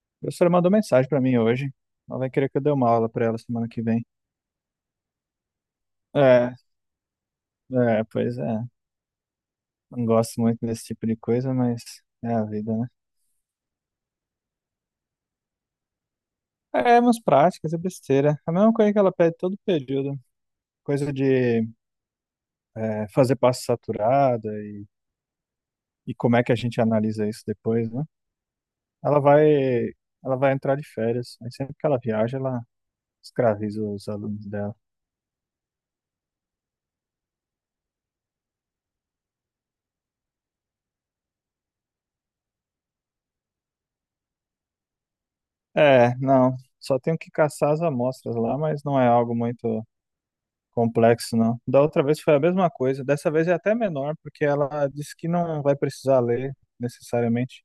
A professora mandou mensagem pra mim hoje. Ela vai querer que eu dê uma aula pra ela semana que vem. É, é, pois é. Não gosto muito desse tipo de coisa, mas é a vida, né? É, umas práticas, é besteira. É a mesma coisa que ela pede todo período. Coisa de fazer passo saturada e como é que a gente analisa isso depois, né? Ela vai, ela vai entrar de férias. Aí sempre que ela viaja, ela escraviza os alunos dela. É, não. Só tenho que caçar as amostras lá, mas não é algo muito complexo, não. Da outra vez foi a mesma coisa. Dessa vez é até menor, porque ela disse que não vai precisar ler necessariamente.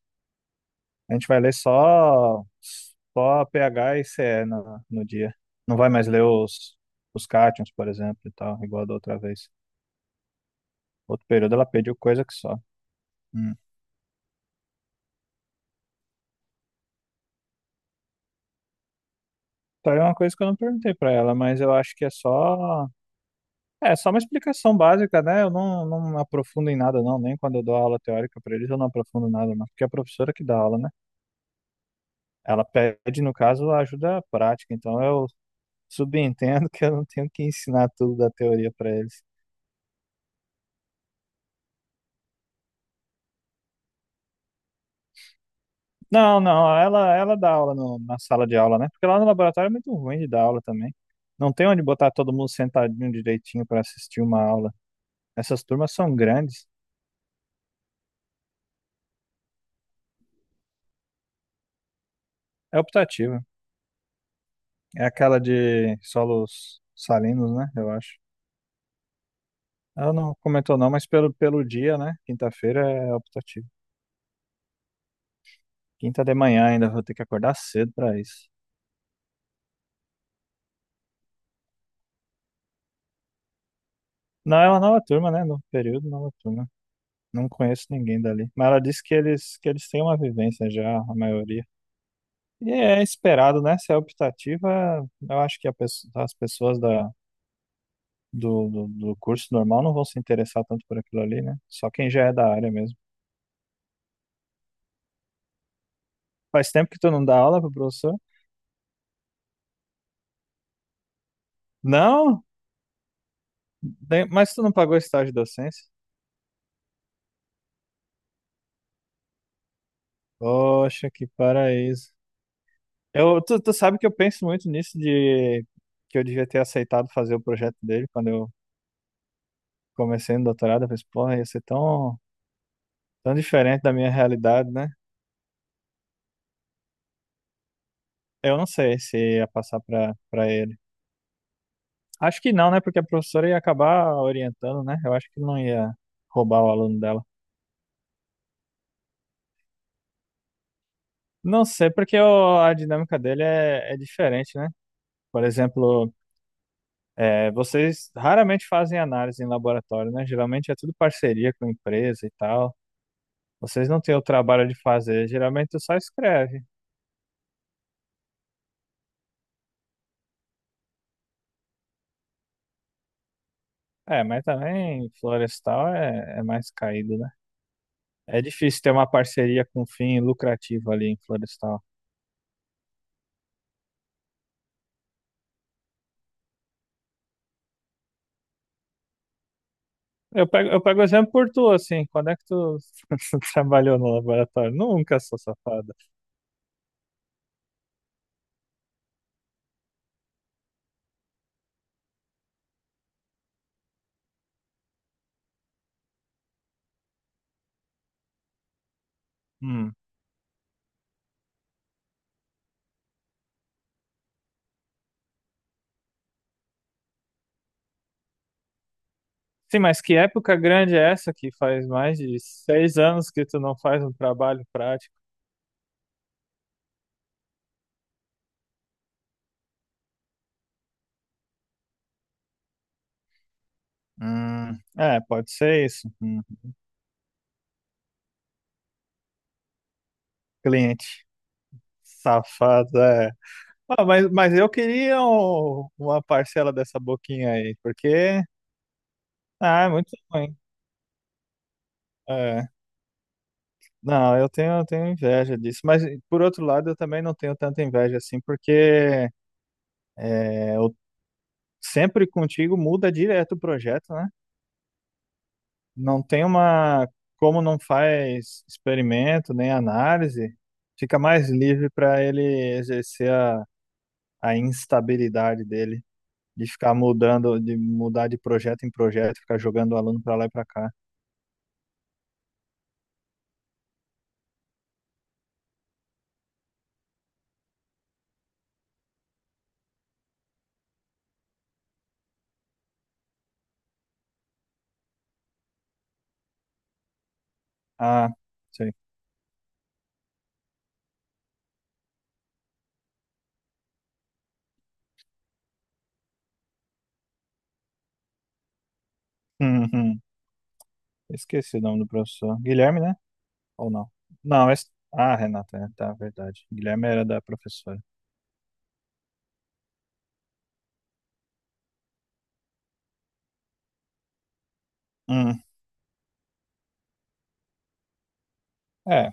A gente vai ler só, só pH e CE no dia. Não vai mais ler os cátions, por exemplo, e tal, igual da outra vez. Outro período ela pediu coisa que só. Hum. Então é uma coisa que eu não perguntei pra ela, mas eu acho que é só. É só uma explicação básica, né? Eu não, não aprofundo em nada, não. Nem quando eu dou aula teórica pra eles, eu não aprofundo nada, não. Porque é a professora que dá aula, né? Ela pede, no caso, a ajuda prática, então eu subentendo que eu não tenho que ensinar tudo da teoria para eles. Não, não, ela dá aula na sala de aula, né? Porque lá no laboratório é muito ruim de dar aula também. Não tem onde botar todo mundo sentadinho direitinho para assistir uma aula. Essas turmas são grandes. É optativa. É aquela de solos salinos, né? Eu acho. Ela não comentou não, mas pelo dia, né? Quinta-feira é optativa. Quinta de manhã ainda vou ter que acordar cedo para isso. Não, é uma nova turma, né? Novo período, nova turma. Não conheço ninguém dali. Mas ela disse que eles têm uma vivência já, a maioria. E é esperado, né? Se é optativa, eu acho que as pessoas do curso normal não vão se interessar tanto por aquilo ali, né? Só quem já é da área mesmo. Faz tempo que tu não dá aula pro professor? Não? Bem, mas tu não pagou estágio de docência? Poxa, que paraíso. Eu, tu sabe que eu penso muito nisso de que eu devia ter aceitado fazer o projeto dele quando eu comecei no doutorado, eu pensei, porra, ia ser tão, tão diferente da minha realidade, né? Eu não sei se ia passar para ele. Acho que não, né? Porque a professora ia acabar orientando, né? Eu acho que não ia roubar o aluno dela. Não sei, porque a dinâmica dele é, é diferente, né? Por exemplo, vocês raramente fazem análise em laboratório, né? Geralmente é tudo parceria com empresa e tal. Vocês não têm o trabalho de fazer, geralmente só escreve. É, mas também florestal é, é mais caído, né? É difícil ter uma parceria com fim lucrativo ali em Florestal. Eu pego exemplo por tu, assim. Quando é que tu, trabalhou no laboratório? Nunca, sou safada. Hum. Sim, mas que época grande é essa que faz mais de 6 anos que tu não faz um trabalho prático? Hum. É, pode ser isso. Hum. Cliente safado, é. Ah, mas eu queria uma parcela dessa boquinha aí, porque... Ah, é muito ruim. É. Não, eu tenho inveja disso, mas por outro lado eu também não tenho tanta inveja assim, porque é, eu sempre contigo muda direto o projeto, né? Não tem uma, como não faz experimento nem análise, fica mais livre para ele exercer a instabilidade dele, de ficar mudando, de mudar de projeto em projeto, ficar jogando o aluno para lá e para cá. Ah, sei. Uhum. Esqueci o nome do professor. Guilherme, né? Ou não? Não, esse... Ah, Renata, é, tá, verdade. Guilherme era da professora. Hum, é.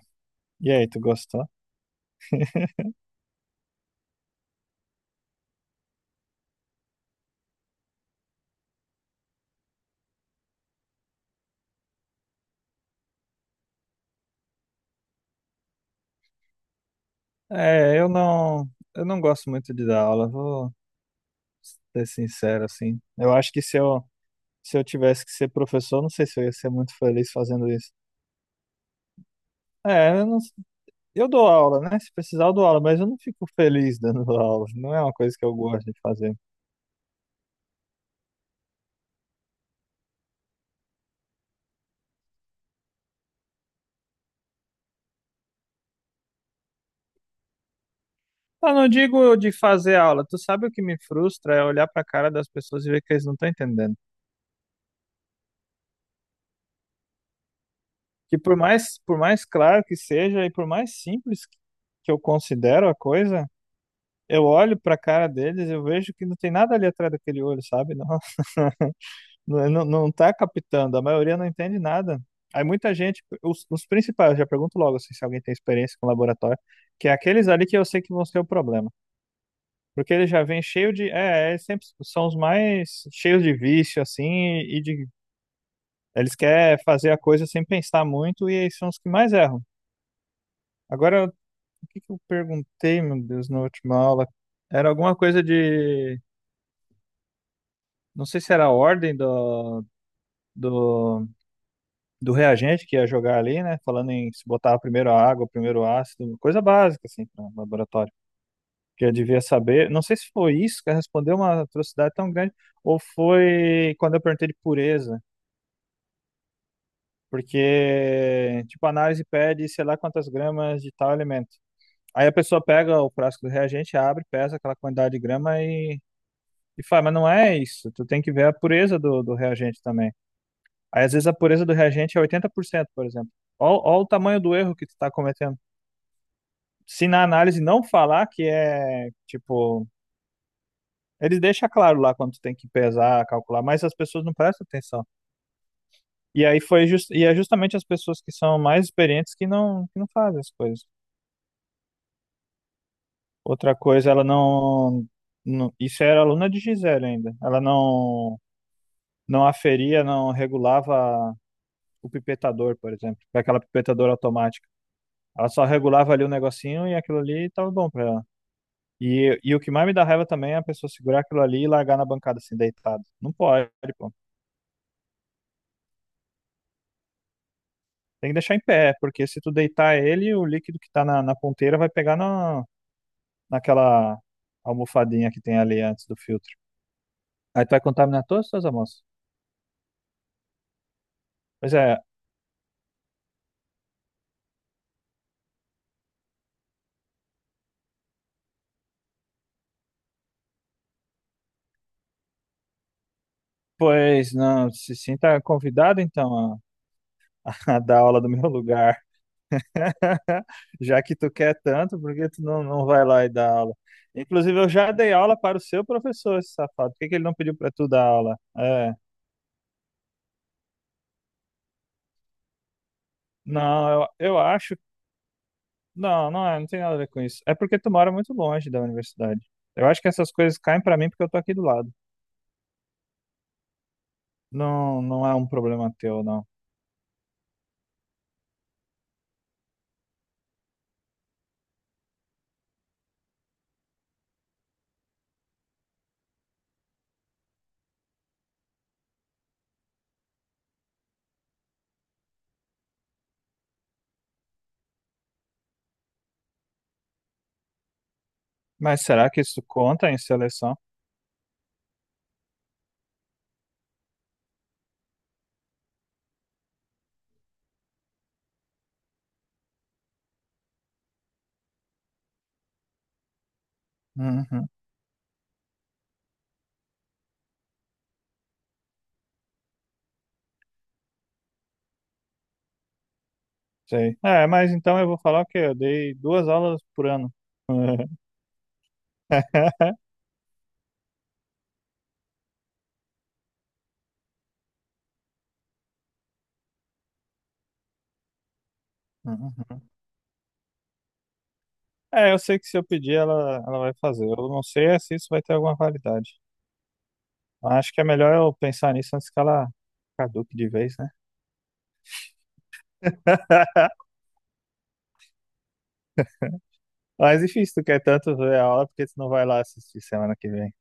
E aí, tu gostou? É, eu não gosto muito de dar aula, vou ser sincero, assim. Eu acho que se eu tivesse que ser professor, não sei se eu ia ser muito feliz fazendo isso. É, eu não, eu dou aula, né? Se precisar, eu dou aula, mas eu não fico feliz dando aula. Não é uma coisa que eu gosto de fazer. Eu não digo de fazer aula. Tu sabe o que me frustra é olhar pra cara das pessoas e ver que eles não estão entendendo. Que por mais claro que seja e por mais simples que eu considero a coisa, eu olho pra cara deles e eu vejo que não tem nada ali atrás daquele olho, sabe? Não, não tá captando, a maioria não entende nada. Aí muita gente, os principais, eu já pergunto logo assim, se alguém tem experiência com laboratório, que é aqueles ali que eu sei que vão ser o problema. Porque eles já vêm cheio de, eles sempre são os mais cheios de vício, assim, e de, eles querem fazer a coisa sem pensar muito e eles são os que mais erram. Agora, o que que eu perguntei, meu Deus, na última aula? Era alguma coisa de. Não sei se era a ordem do, do reagente que ia jogar ali, né? Falando em se botar primeiro a água, primeiro o ácido, coisa básica, assim, para laboratório. Que eu devia saber. Não sei se foi isso que respondeu uma atrocidade tão grande, ou foi quando eu perguntei de pureza. Porque, tipo, a análise pede sei lá quantas gramas de tal elemento. Aí a pessoa pega o frasco do reagente, abre, pesa aquela quantidade de grama e fala, mas não é isso. Tu tem que ver a pureza do reagente também. Aí, às vezes, a pureza do reagente é 80%, por exemplo. Olha o tamanho do erro que tu tá cometendo. Se na análise não falar que é, tipo... Ele deixa claro lá quando tu tem que pesar, calcular, mas as pessoas não prestam atenção. E aí foi just, e é justamente as pessoas que são mais experientes que não fazem as coisas. Outra coisa, ela não, não... Isso era aluna de Gisele ainda. Ela não, não aferia, não regulava o pipetador, por exemplo, com aquela pipetadora automática. Ela só regulava ali o negocinho e aquilo ali tava bom pra ela. E o que mais me dá raiva também é a pessoa segurar aquilo ali e largar na bancada assim, deitado. Não pode, pô. Tem que deixar em pé, porque se tu deitar ele, o líquido que tá na ponteira vai pegar na, naquela almofadinha que tem ali antes do filtro. Aí tu vai contaminar todas as tuas amostras. Pois é, pois não, se sinta convidado então a, a dar aula do meu lugar. Já que tu quer tanto, por que tu não vai lá e dá aula? Inclusive, eu já dei aula para o seu professor, esse safado. Por que que ele não pediu para tu dar aula? É. Não, eu acho. Não, não é, não tem nada a ver com isso. É porque tu mora muito longe da universidade. Eu acho que essas coisas caem para mim porque eu tô aqui do lado. Não, não é um problema teu, não. Mas será que isso conta em seleção? Uhum, sei. É, mas então eu vou falar que eu dei 2 aulas por ano. Uhum. É, eu sei que se eu pedir, ela vai fazer. Eu não sei é se isso vai ter alguma validade. Acho que é melhor eu pensar nisso antes que ela caduque de vez, né? Mas enfim, se tu quer tanto ver a aula, por que tu não vai lá assistir semana que vem?